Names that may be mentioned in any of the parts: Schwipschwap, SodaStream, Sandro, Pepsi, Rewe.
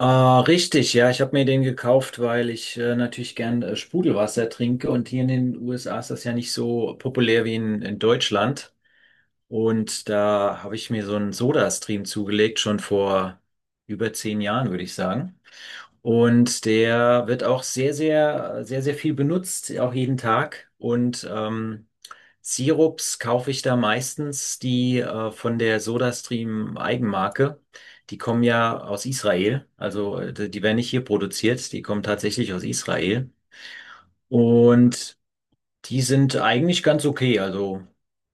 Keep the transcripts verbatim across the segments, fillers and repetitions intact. Ah, richtig, ja, ich habe mir den gekauft, weil ich äh, natürlich gern äh, Sprudelwasser trinke, und hier in den U S A ist das ja nicht so populär wie in, in Deutschland. Und da habe ich mir so einen Soda-Stream zugelegt, schon vor über zehn Jahren, würde ich sagen. Und der wird auch sehr, sehr, sehr, sehr viel benutzt, auch jeden Tag. Und ähm, Sirups kaufe ich da meistens die äh, von der SodaStream Eigenmarke. Die kommen ja aus Israel. Also äh, die die werden nicht hier produziert, die kommen tatsächlich aus Israel. Und die sind eigentlich ganz okay, also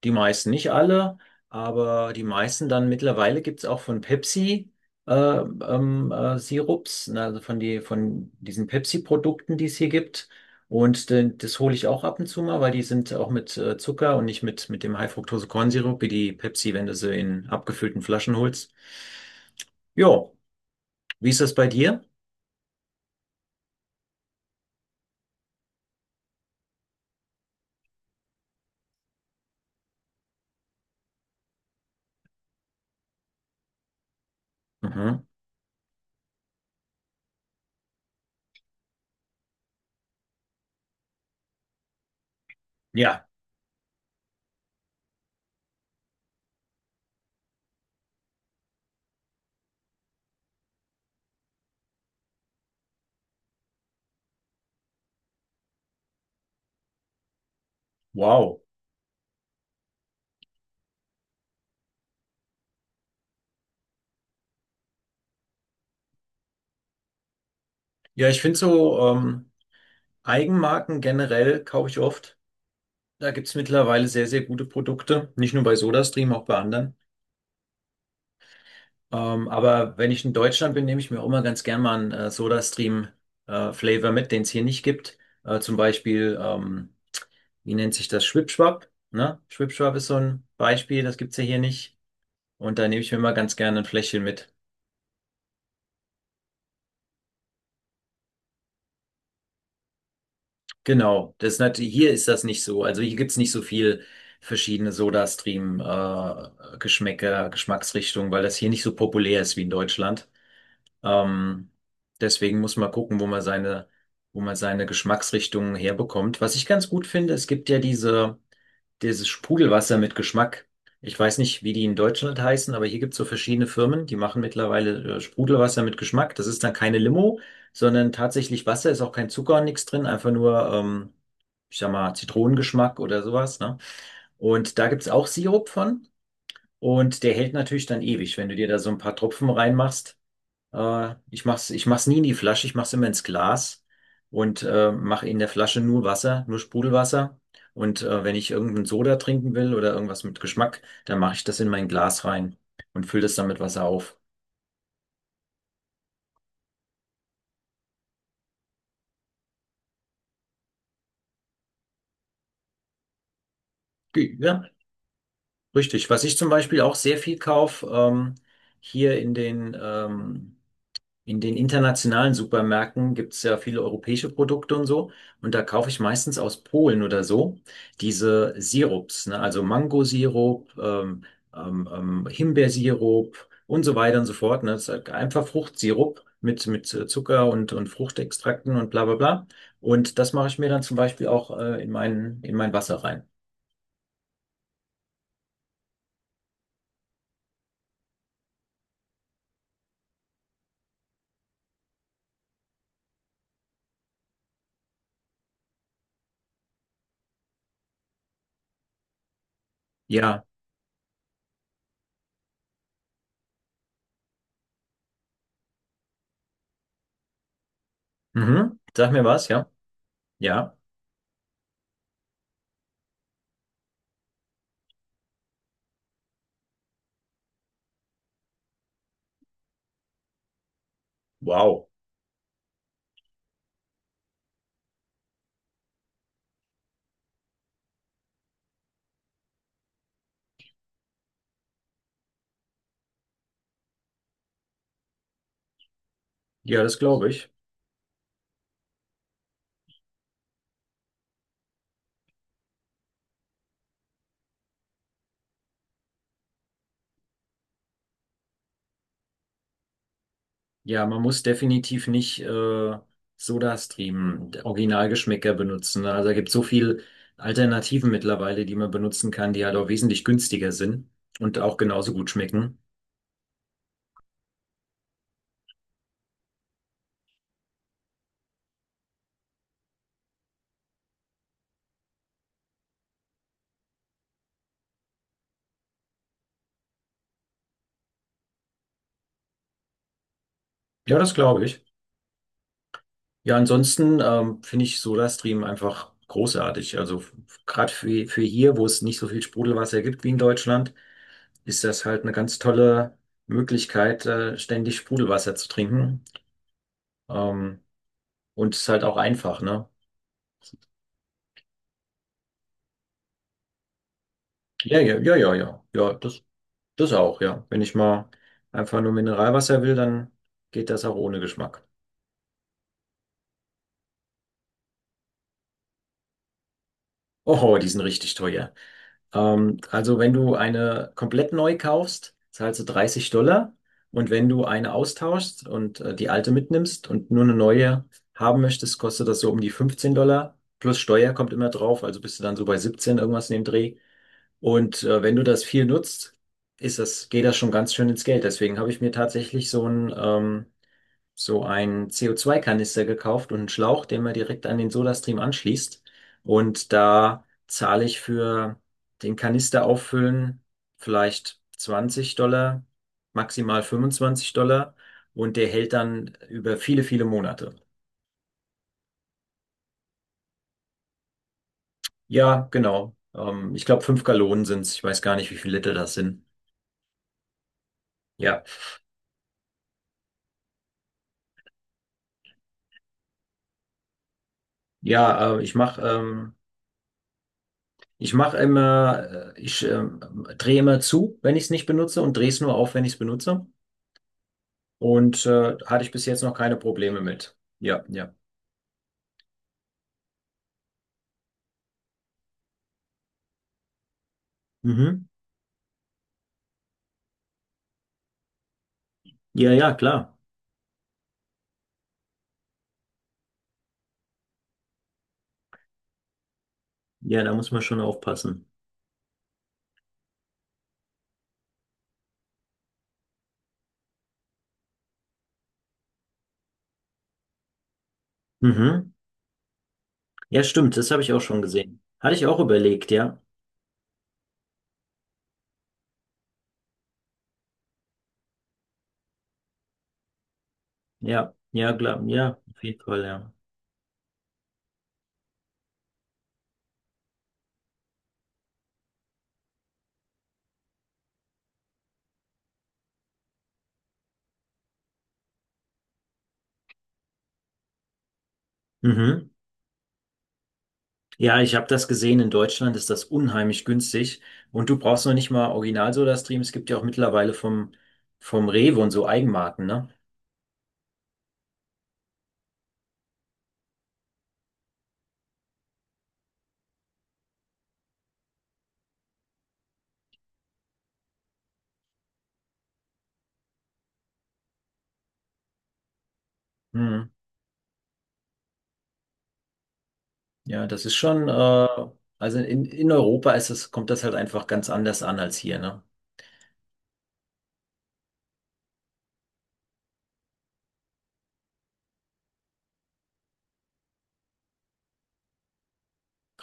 die meisten, nicht alle, aber die meisten. Dann mittlerweile gibt's auch von Pepsi äh, ähm, äh, Sirups, ne, also von, die, von diesen Pepsi-Produkten, die es hier gibt. Und de- das hole ich auch ab und zu mal, weil die sind auch mit äh, Zucker und nicht mit, mit dem High-Fructose-Kornsirup, wie die Pepsi, wenn du sie in abgefüllten Flaschen holst. Jo, wie ist das bei dir? Mhm. Ja, wow. Ja, ich finde so ähm, Eigenmarken generell kaufe ich oft. Da gibt's mittlerweile sehr, sehr gute Produkte, nicht nur bei SodaStream, auch bei anderen. Ähm, aber wenn ich in Deutschland bin, nehme ich mir auch immer ganz gern mal einen äh, SodaStream-Flavor mit, den es hier nicht gibt. Äh, zum Beispiel, ähm, wie nennt sich das? Schwipschwap, ne? Schwipschwap ist so ein Beispiel, das gibt's ja hier nicht. Und da nehme ich mir mal ganz gerne ein Fläschchen mit. Genau, das ist natürlich, hier ist das nicht so. Also hier gibt's nicht so viel verschiedene SodaStream-Geschmäcker, Geschmacksrichtungen, weil das hier nicht so populär ist wie in Deutschland. Ähm, deswegen muss man gucken, wo man seine, wo man seine Geschmacksrichtungen herbekommt. Was ich ganz gut finde, es gibt ja diese, dieses Sprudelwasser mit Geschmack. Ich weiß nicht, wie die in Deutschland heißen, aber hier gibt es so verschiedene Firmen, die machen mittlerweile äh, Sprudelwasser mit Geschmack. Das ist dann keine Limo, sondern tatsächlich Wasser, ist auch kein Zucker und nichts drin, einfach nur, ähm, ich sag mal, Zitronengeschmack oder sowas, ne? Und da gibt es auch Sirup von, und der hält natürlich dann ewig, wenn du dir da so ein paar Tropfen reinmachst. Äh, ich mach's, ich mach's nie in die Flasche, ich mach's immer ins Glas und äh, mache in der Flasche nur Wasser, nur Sprudelwasser. Und äh, wenn ich irgendeinen Soda trinken will oder irgendwas mit Geschmack, dann mache ich das in mein Glas rein und fülle das dann mit Wasser auf. Ge- Ja, richtig. Was ich zum Beispiel auch sehr viel kaufe, ähm, hier in den ähm, in den internationalen Supermärkten gibt es ja viele europäische Produkte und so. Und da kaufe ich meistens aus Polen oder so diese Sirups, ne? Also Mangosirup, ähm, ähm, ähm, Himbeersirup und so weiter und so fort. Ne? Das ist halt einfach Fruchtsirup mit, mit äh, Zucker und, und Fruchtextrakten und bla bla bla. Und das mache ich mir dann zum Beispiel auch äh, in mein, in mein Wasser rein. Ja. Mhm. Sag mir was, ja? Ja. Wow. Ja, das glaube ich. Ja, man muss definitiv nicht äh, Sodastream, Originalgeschmäcker benutzen, ne? Also da gibt so viel Alternativen mittlerweile, die man benutzen kann, die halt auch wesentlich günstiger sind und auch genauso gut schmecken. Ja, das glaube ich. Ja, ansonsten ähm, finde ich Sodastream einfach großartig. Also gerade für, für hier, wo es nicht so viel Sprudelwasser gibt wie in Deutschland, ist das halt eine ganz tolle Möglichkeit, äh, ständig Sprudelwasser zu trinken. Ähm, und es ist halt auch einfach, ne? Ja, ja, ja, ja, ja, ja, das. Das auch, ja. Wenn ich mal einfach nur Mineralwasser will, dann geht das auch ohne Geschmack. Oh, die sind richtig teuer. Ähm, also wenn du eine komplett neu kaufst, zahlst du dreißig Dollar. Und wenn du eine austauschst und äh, die alte mitnimmst und nur eine neue haben möchtest, kostet das so um die fünfzehn Dollar. Plus Steuer kommt immer drauf, also bist du dann so bei siebzehn irgendwas in dem Dreh. Und äh, wenn du das viel nutzt, ist das, geht das schon ganz schön ins Geld. Deswegen habe ich mir tatsächlich so ein ähm, so einen C O zwei Kanister gekauft und einen Schlauch, den man direkt an den SodaStream anschließt. Und da zahle ich für den Kanister auffüllen vielleicht zwanzig Dollar, maximal fünfundzwanzig Dollar. Und der hält dann über viele, viele Monate. Ja, genau. Ähm, ich glaube, fünf Gallonen sind's. Ich weiß gar nicht, wie viele Liter das sind. Ja, ja, äh, ich mache ähm, ich mache immer, äh, ich ähm, drehe immer zu, wenn ich es nicht benutze, und drehe es nur auf, wenn ich es benutze. Und äh, hatte ich bis jetzt noch keine Probleme mit. Ja, ja. Mhm. Ja, ja, klar. Ja, da muss man schon aufpassen. Mhm. Ja, stimmt, das habe ich auch schon gesehen. Hatte ich auch überlegt, ja. Ja, ja, klar, ja, auf jeden Fall, ja. Mhm. Ja, ich habe das gesehen, in Deutschland ist das unheimlich günstig, und du brauchst noch nicht mal Original Soda Stream, es gibt ja auch mittlerweile vom vom Rewe und so Eigenmarken, ne? Mhm. Ja, das ist schon äh, also in, in Europa ist es, kommt das halt einfach ganz anders an als hier, ne?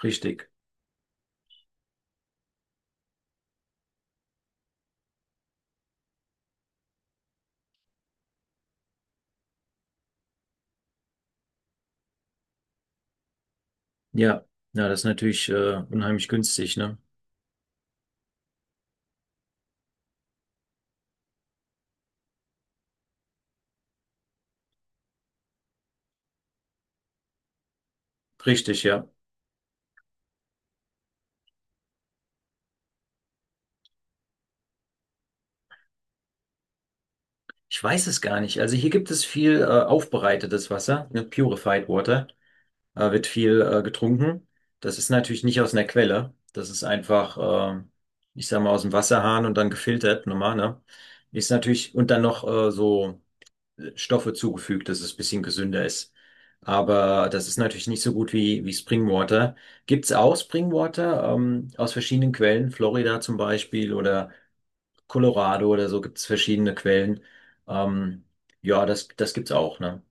Richtig. Ja, ja, das ist natürlich äh, unheimlich günstig, ne? Richtig, ja. Ich weiß es gar nicht. Also hier gibt es viel äh, aufbereitetes Wasser, ne? Purified Water, äh, wird viel äh, getrunken. Das ist natürlich nicht aus einer Quelle. Das ist einfach, äh, ich sag mal, aus dem Wasserhahn und dann gefiltert, normal, ne? Ist natürlich, und dann noch äh, so Stoffe zugefügt, dass es ein bisschen gesünder ist. Aber das ist natürlich nicht so gut wie, wie Springwater. Gibt's auch Springwater, ähm, aus verschiedenen Quellen, Florida zum Beispiel oder Colorado oder so, gibt's verschiedene Quellen. Ähm, ja, das, das gibt's auch, ne?